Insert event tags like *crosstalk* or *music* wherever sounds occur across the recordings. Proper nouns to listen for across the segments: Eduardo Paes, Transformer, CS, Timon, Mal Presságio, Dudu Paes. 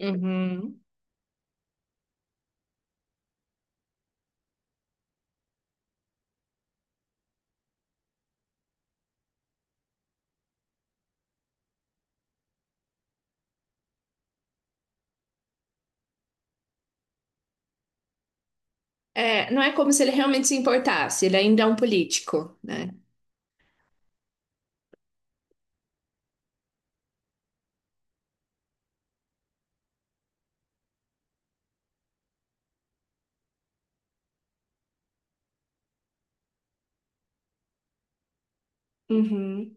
Uhum. É, não é como se ele realmente se importasse, ele ainda é um político, né? Uhum.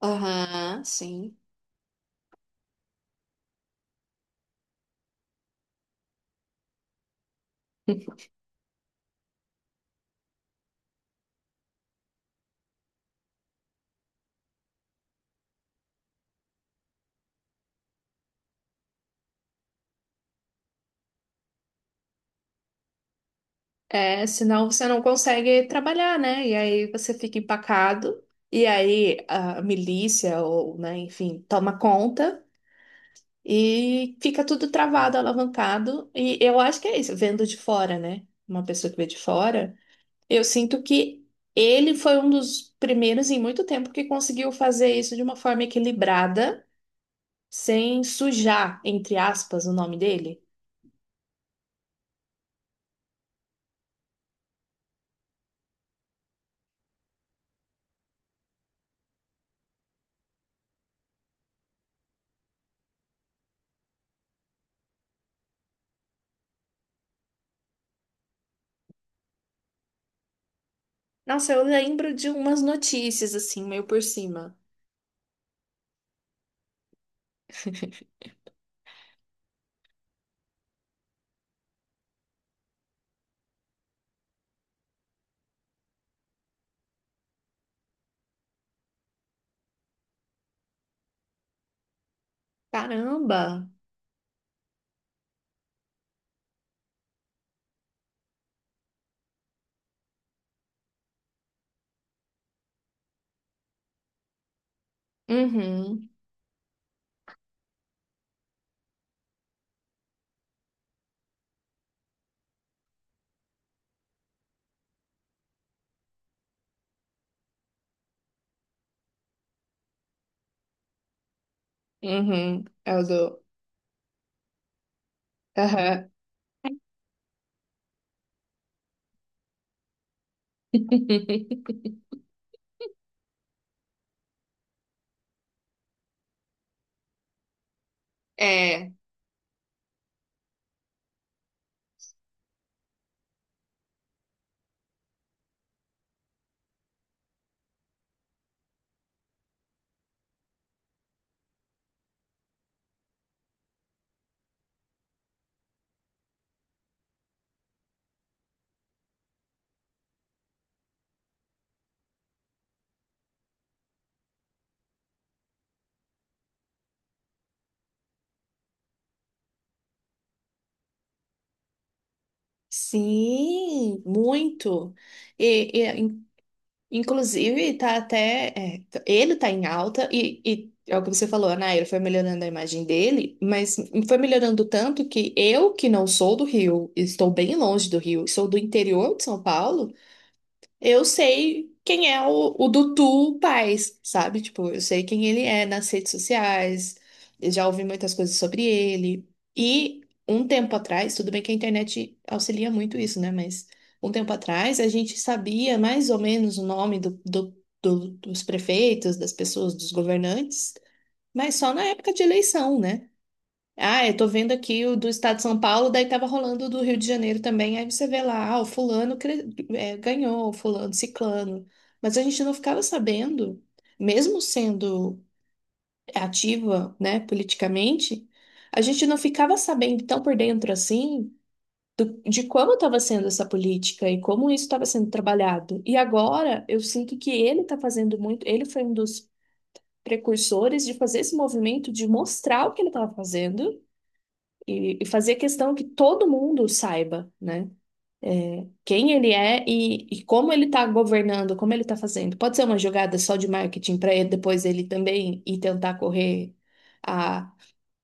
Aham, sim. É, senão você não consegue trabalhar, né? E aí você fica empacado, e aí a milícia, ou, né, enfim, toma conta. E fica tudo travado, alavancado. E eu acho que é isso, vendo de fora, né? Uma pessoa que vê de fora, eu sinto que ele foi um dos primeiros em muito tempo que conseguiu fazer isso de uma forma equilibrada, sem sujar, entre aspas, o nome dele. Nossa, eu lembro de umas notícias assim, meio por cima. Caramba! Uhum, uhum, é o do. Aham. É. Sim, muito. E, e Inclusive, tá até. Ele tá em alta e é o que você falou, né? Ele foi melhorando a imagem dele, mas foi melhorando tanto que eu, que não sou do Rio, estou bem longe do Rio, sou do interior de São Paulo. Eu sei quem é o Dudu Paes, sabe? Tipo, eu sei quem ele é nas redes sociais, eu já ouvi muitas coisas sobre ele. E um tempo atrás, tudo bem que a internet auxilia muito isso, né? Mas um tempo atrás a gente sabia mais ou menos o nome dos prefeitos, das pessoas, dos governantes, mas só na época de eleição, né? Ah, eu tô vendo aqui o do estado de São Paulo, daí tava rolando o do Rio de Janeiro também. Aí você vê lá, ah, é, ganhou, o fulano, ciclano. Mas a gente não ficava sabendo, mesmo sendo ativa, né, politicamente, a gente não ficava sabendo tão por dentro assim de como estava sendo essa política e como isso estava sendo trabalhado. E agora eu sinto que ele tá fazendo muito, ele foi um dos precursores de fazer esse movimento de mostrar o que ele estava fazendo e fazer questão que todo mundo saiba, né? Quem ele é e como ele está governando, como ele está fazendo. Pode ser uma jogada só de marketing para ele depois ele também ir tentar correr a,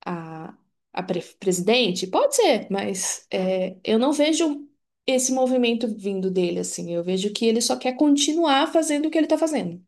a, presidente? Pode ser, mas é, eu não vejo esse movimento vindo dele assim. Eu vejo que ele só quer continuar fazendo o que ele está fazendo.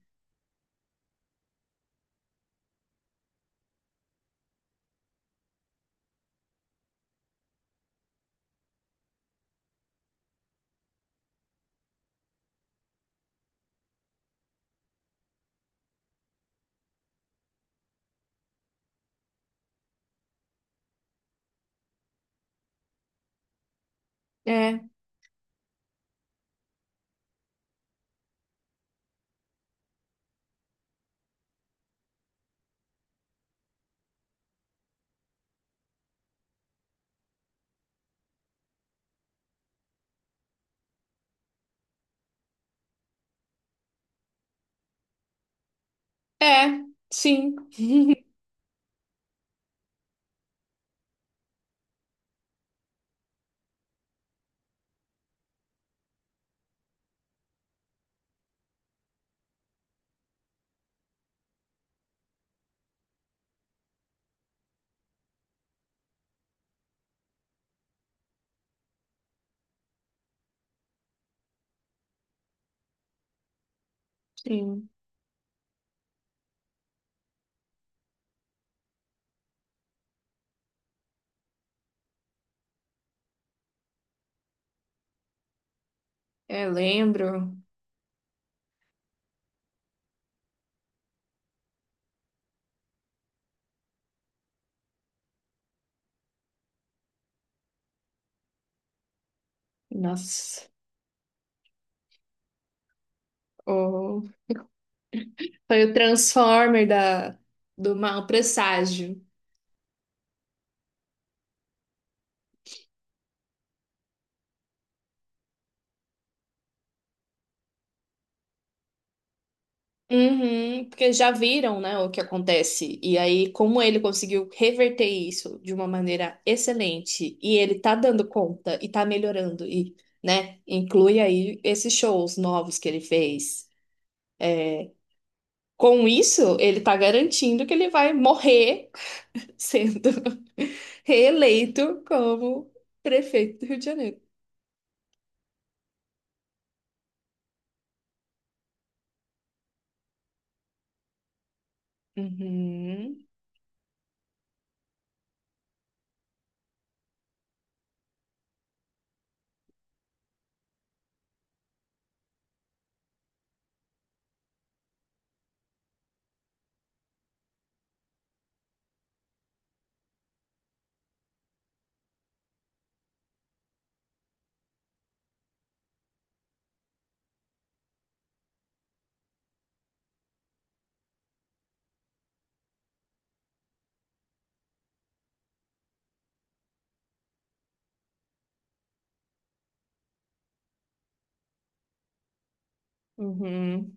É, é, sim, sim. É, lembro. Nossa. O foi o Transformer da, do Mal Presságio. Uhum, porque já viram, né, o que acontece. E aí, como ele conseguiu reverter isso de uma maneira excelente, e ele tá dando conta e tá melhorando, e, né, inclui aí esses shows novos que ele fez. Com isso, ele tá garantindo que ele vai morrer *laughs* sendo *laughs* reeleito como prefeito do Rio de Janeiro. Uhum, uhum,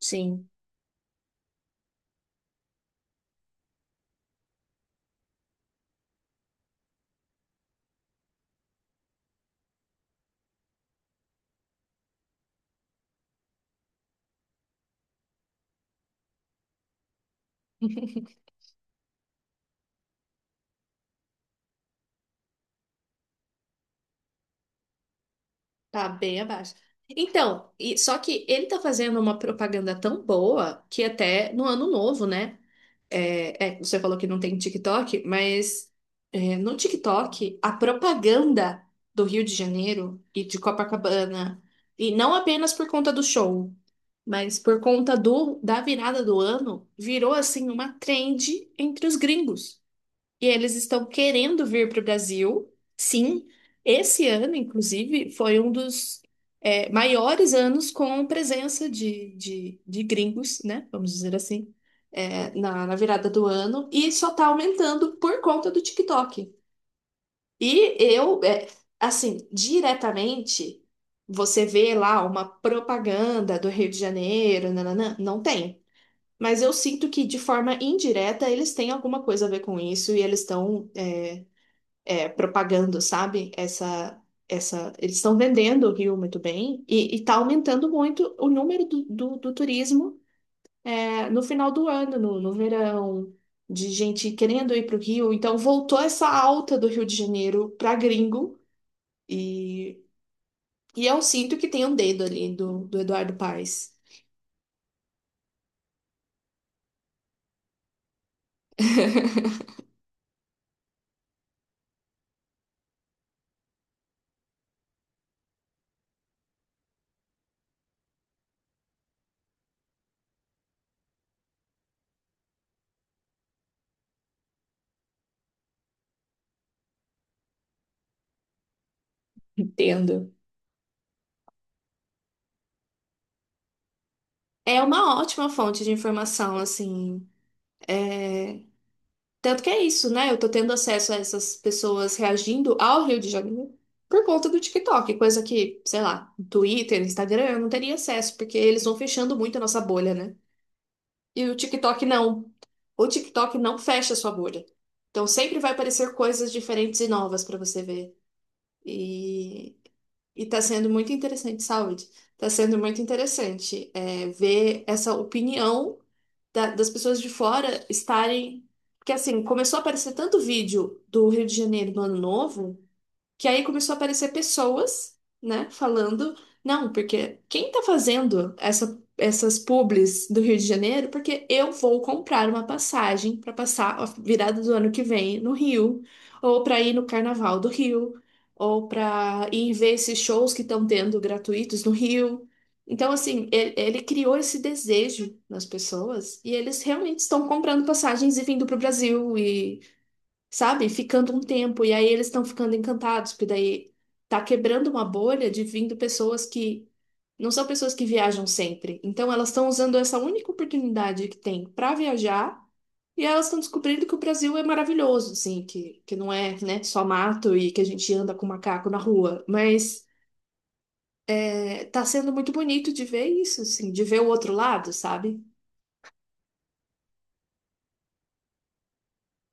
sim. *laughs* Tá bem abaixo. Então, e, só que ele tá fazendo uma propaganda tão boa que até no ano novo, né? É, é, você falou que não tem TikTok, mas é, no TikTok, a propaganda do Rio de Janeiro e de Copacabana, e não apenas por conta do show, mas por conta do, da virada do ano, virou assim uma trend entre os gringos. E eles estão querendo vir para o Brasil, sim. Esse ano, inclusive, foi um dos maiores anos com presença de gringos, né? Vamos dizer assim, é, na virada do ano. E só está aumentando por conta do TikTok. E eu, é, assim, diretamente, você vê lá uma propaganda do Rio de Janeiro, nananã, não tem. Mas eu sinto que, de forma indireta, eles têm alguma coisa a ver com isso e eles estão propagando, sabe? Essa, eles estão vendendo o Rio muito bem e está aumentando muito o número do turismo é, no final do ano, no verão, de gente querendo ir para o Rio. Então voltou essa alta do Rio de Janeiro para gringo e, e eu sinto que tem um dedo ali do Eduardo Paes. *laughs* Entendo. É uma ótima fonte de informação, assim. é, Tanto que é isso, né? Eu tô tendo acesso a essas pessoas reagindo ao Rio de Janeiro por conta do TikTok, coisa que, sei lá, Twitter, Instagram, eu não teria acesso, porque eles vão fechando muito a nossa bolha, né? E o TikTok não. O TikTok não fecha a sua bolha. Então sempre vai aparecer coisas diferentes e novas pra você ver. E, e tá sendo muito interessante, saúde. Tá sendo muito interessante é, ver essa opinião das pessoas de fora estarem. Porque assim, começou a aparecer tanto vídeo do Rio de Janeiro no Ano Novo. Que aí começou a aparecer pessoas, né, falando, não, porque quem tá fazendo essas publis do Rio de Janeiro? Porque eu vou comprar uma passagem para passar a virada do ano que vem no Rio, ou para ir no Carnaval do Rio, ou para ir ver esses shows que estão tendo gratuitos no Rio. Então, assim, ele criou esse desejo nas pessoas e eles realmente estão comprando passagens e vindo para o Brasil, sabe? Ficando um tempo. E aí eles estão ficando encantados, porque daí tá quebrando uma bolha de vindo pessoas que não são pessoas que viajam sempre. Então elas estão usando essa única oportunidade que tem para viajar. E elas estão descobrindo que o Brasil é maravilhoso, assim, que não é, né, só mato e que a gente anda com macaco na rua. Mas é, tá sendo muito bonito de ver isso, assim, de ver o outro lado, sabe?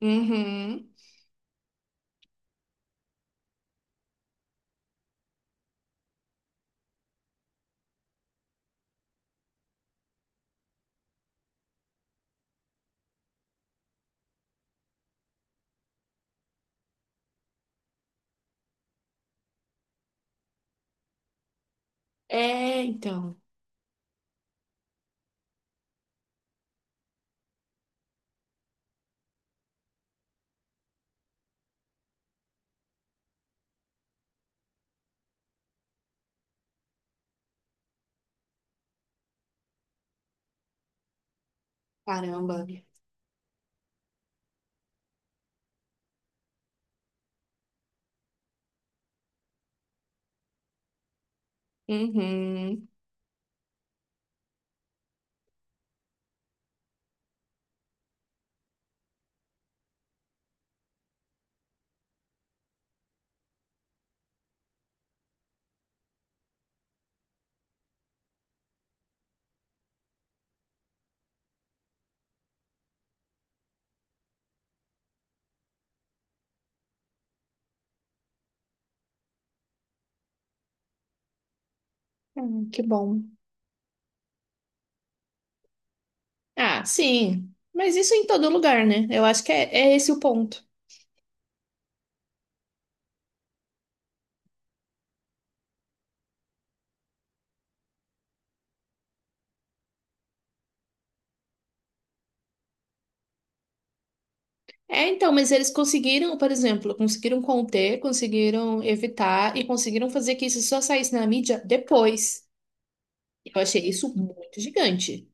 Uhum. É, então. Caramba. Uhum. Que bom. Ah, sim. Mas isso em todo lugar, né? Eu acho que é esse o ponto. É, então, mas eles conseguiram, por exemplo, conseguiram conter, conseguiram evitar e conseguiram fazer que isso só saísse na mídia depois. Eu achei isso muito gigante.